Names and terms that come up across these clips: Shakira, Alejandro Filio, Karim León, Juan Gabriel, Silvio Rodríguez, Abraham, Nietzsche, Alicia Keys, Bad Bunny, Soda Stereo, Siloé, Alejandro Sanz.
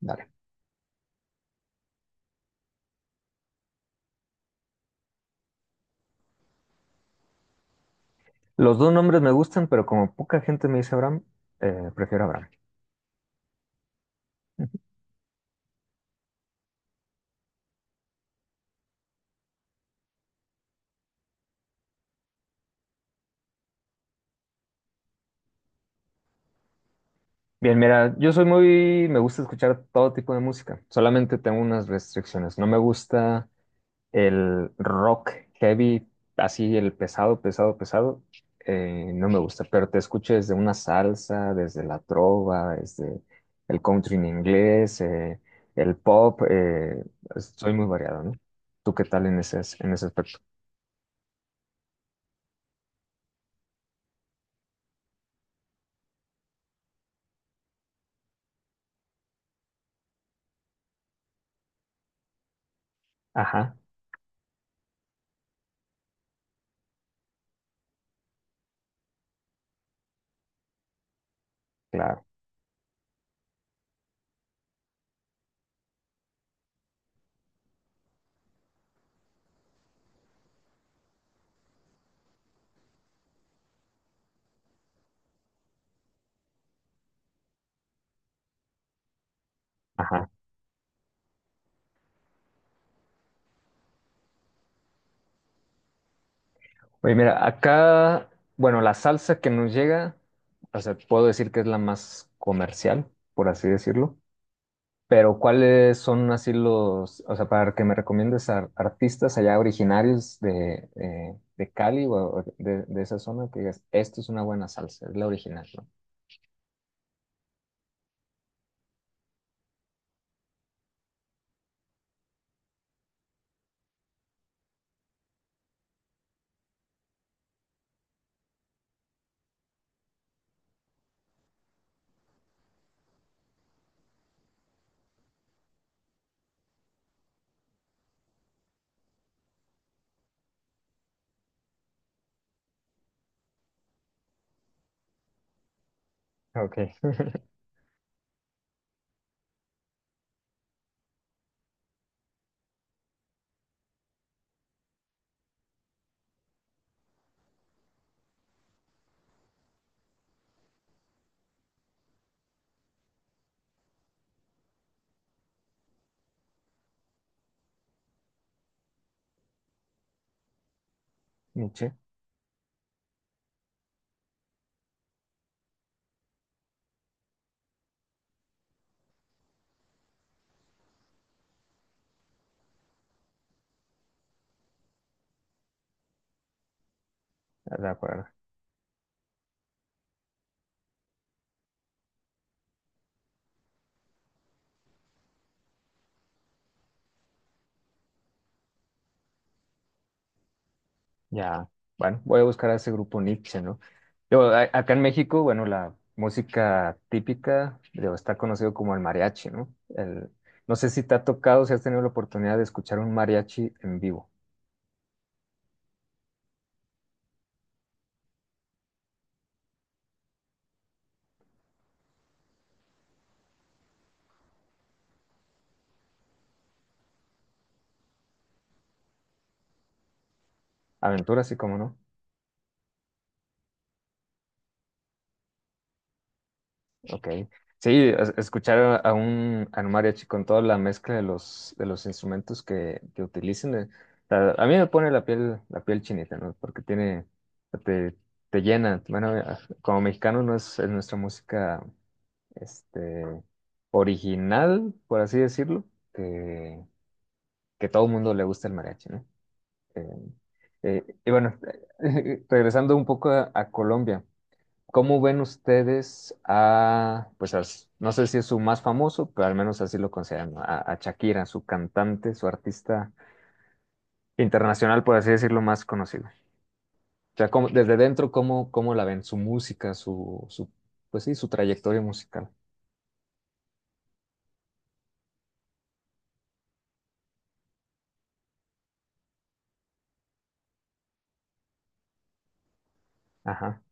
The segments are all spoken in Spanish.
Dale. Los dos nombres me gustan, pero como poca gente me dice Abraham, prefiero Abraham. Bien, mira, yo soy muy, me gusta escuchar todo tipo de música, solamente tengo unas restricciones. No me gusta el rock heavy, así el pesado, pesado, pesado, no me gusta, pero te escucho desde una salsa, desde la trova, desde el country en inglés, el pop, soy muy variado, ¿no? ¿Tú qué tal en ese aspecto? Ajá, claro, ajá. Oye, mira, acá, bueno, la salsa que nos llega, o sea, puedo decir que es la más comercial, por así decirlo, pero ¿cuáles son así los, o sea, para que me recomiendes a artistas allá originarios de Cali o de esa zona que digas, esto es una buena salsa, es la original, ¿no? Ok, Miche, de acuerdo. Ya, bueno, voy a buscar a ese grupo Nietzsche, ¿no? Digo, acá en México, bueno, la música típica, digo, está conocido como el mariachi, ¿no? El, no sé si te ha tocado, si has tenido la oportunidad de escuchar un mariachi en vivo. Aventura, sí, como no. Ok. Sí, escuchar a un mariachi con toda la mezcla de los instrumentos que utilicen, a mí me pone la piel chinita, ¿no? Porque tiene, te, te llena. Bueno, como mexicanos no es nuestra música este, original, por así decirlo, que, que todo el mundo le gusta el mariachi, ¿no? Eh, y bueno, regresando un poco a Colombia, ¿cómo ven ustedes a, pues no sé si es su más famoso, pero al menos así lo consideran, ¿no? A Shakira, su cantante, su artista internacional, por así decirlo, más conocido? O sea, ¿cómo- desde dentro, ¿cómo, cómo la ven? Su música, su, pues sí, su trayectoria musical. Ajá.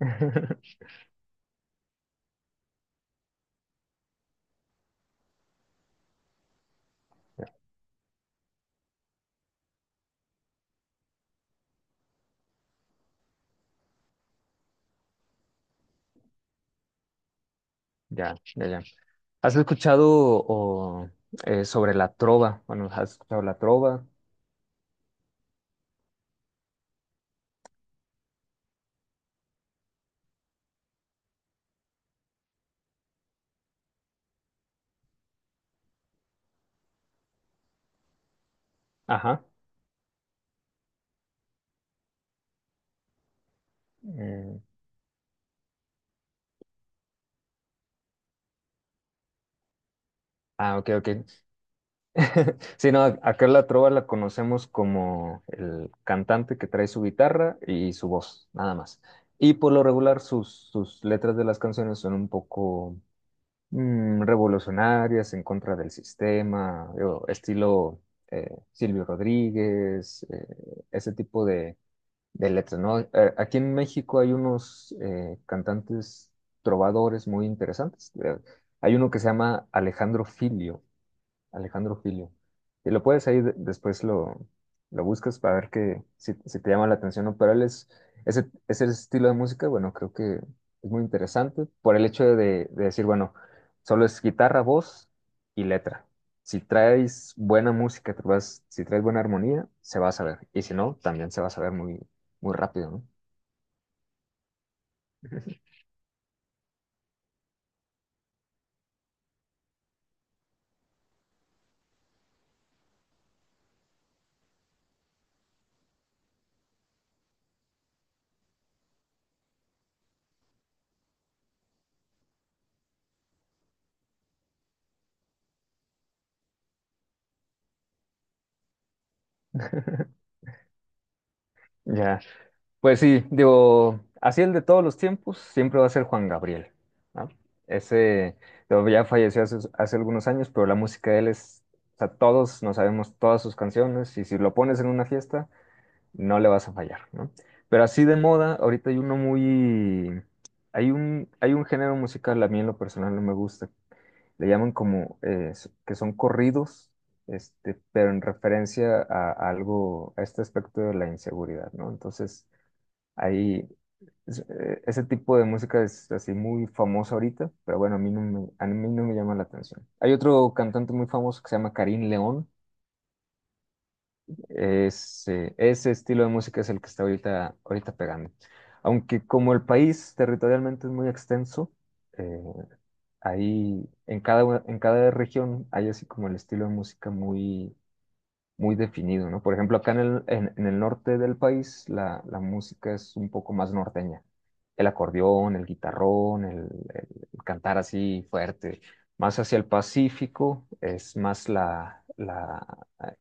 Ya, ya, ya. ¿Has escuchado o, sobre la trova? Bueno, ¿has escuchado la trova? Ajá. Mm, ah, ok, ok. Sí, no, acá la trova la conocemos como el cantante que trae su guitarra y su voz, nada más. Y por lo regular sus, sus letras de las canciones son un poco revolucionarias, en contra del sistema, digo, estilo Silvio Rodríguez, ese tipo de letras ¿no? A- Aquí en México hay unos cantantes trovadores muy interesantes. Hay uno que se llama Alejandro Filio. Alejandro Filio. Y lo puedes ahí, después lo buscas para ver que, si, si te llama la atención o no, pero él es, ese estilo de música, bueno, creo que es muy interesante por el hecho de decir, bueno, solo es guitarra, voz y letra. Si traes buena música, si traes buena armonía, se va a saber. Y si no, también se va a saber muy, muy rápido, ¿no? Ya. Pues sí, digo, así el de todos los tiempos siempre va a ser Juan Gabriel, ¿no? Ese, digo, ya falleció hace, hace algunos años, pero la música de él es, o sea, todos nos sabemos todas sus canciones y si lo pones en una fiesta, no le vas a fallar, ¿no? Pero así de moda, ahorita hay uno muy, hay un género musical, a mí en lo personal no me gusta, le llaman como, que son corridos, este, pero en referencia a algo, a este aspecto de la inseguridad, ¿no? Entonces ahí, ese tipo de música es así muy famosa ahorita, pero bueno, a mí no me, a mí no me llama la atención. Hay otro cantante muy famoso que se llama Karim León. Es, ese estilo de música es el que está ahorita, ahorita pegando. Aunque como el país territorialmente es muy extenso, eh, ahí en cada región hay así como el estilo de música muy, muy definido, ¿no? Por ejemplo, acá en el norte del país la, la música es un poco más norteña. El acordeón, el guitarrón, el, el- el cantar así fuerte. Más hacia el Pacífico es más la, la,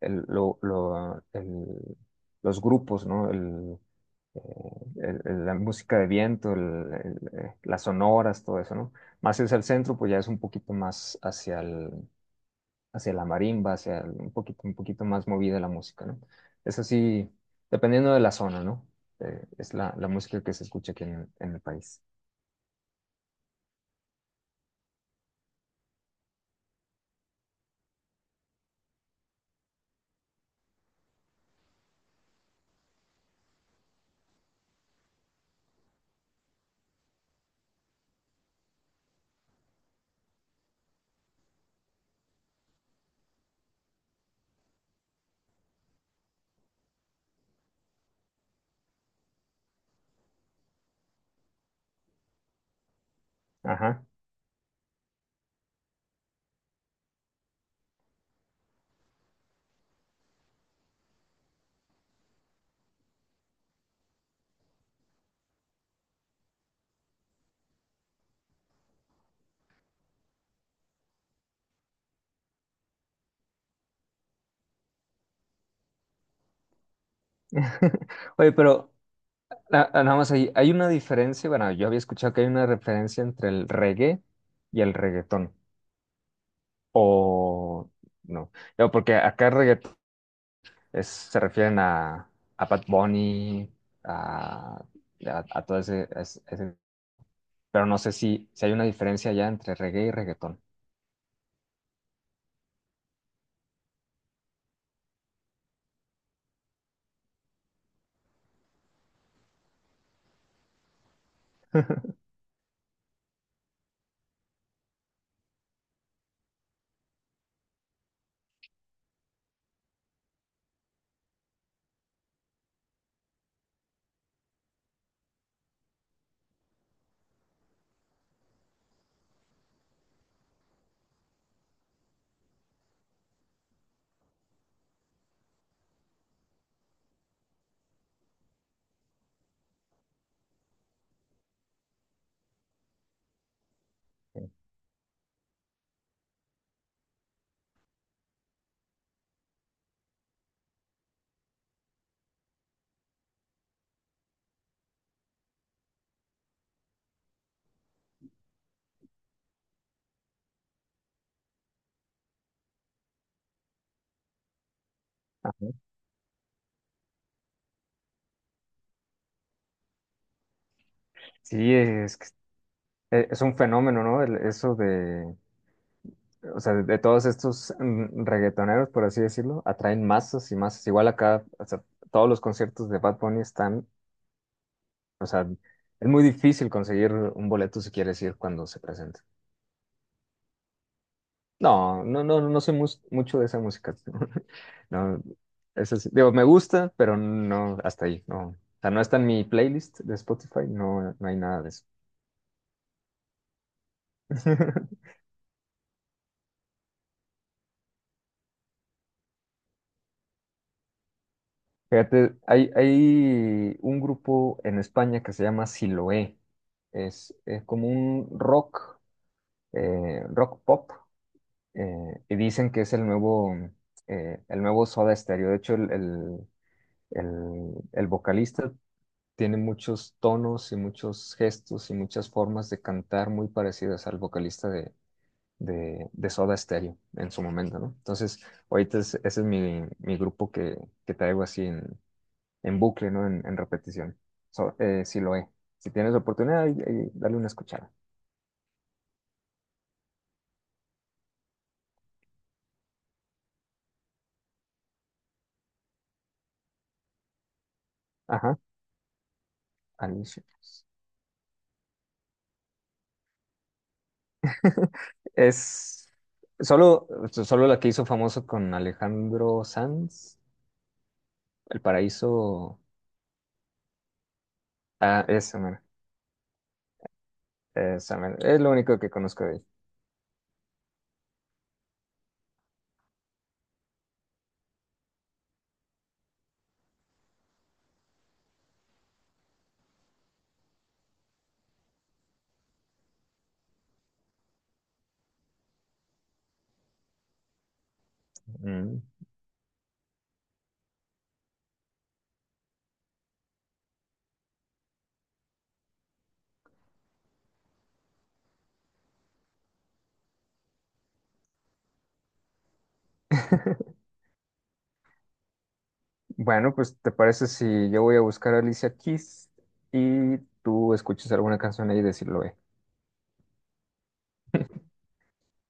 el- lo- lo- el- los grupos, ¿no? El, eh, la música de viento, el, las sonoras, todo eso, ¿no? Más hacia el centro, pues ya es un poquito más hacia el, hacia la marimba, un poquito más movida la música, ¿no? Es así, dependiendo de la zona, ¿no? Es la, la música que se escucha aquí en el país. Ajá. Oye, pero nada más ahí, hay una diferencia, bueno, yo había escuchado que hay una referencia entre el reggae y el reggaetón, o no, no, porque acá reggaetón se refieren a Bad Bunny, a, a todo ese, a ese ese pero no sé si, si hay una diferencia ya entre reggae y reggaetón. Sí, es, que es un fenómeno, ¿no? El- eso de, o sea, de todos estos reggaetoneros, por así decirlo, atraen masas y masas. Igual acá, o sea, todos los conciertos de Bad Bunny están, o sea, es muy difícil conseguir un boleto si quieres ir cuando se presenta. No, no, no, no soy mucho de esa música. No, eso sí, digo, me gusta, pero no, hasta ahí, no. O sea, no está en mi playlist de Spotify, no, no hay nada de eso. Fíjate, hay un grupo en España que se llama Siloé. Es como un rock, rock pop, y dicen que es el nuevo Soda Stereo. De hecho, el, el vocalista tiene muchos tonos y muchos gestos y muchas formas de cantar muy parecidas al vocalista de Soda Stereo en su momento, ¿no? Entonces, ahorita ese es mi, mi grupo que traigo así en bucle, ¿no? En repetición. So, si lo he. Si tienes oportunidad, ahí dale una escuchada. Ajá, Alicia. Es solo, solo la que hizo famoso con Alejandro Sanz, El Paraíso. Ah, esa, mera, esa, mera. Es lo único que conozco de ella. Mm. Bueno, pues ¿te parece si yo voy a buscar a Alicia Keys y tú escuchas alguna canción ahí y decirlo, eh?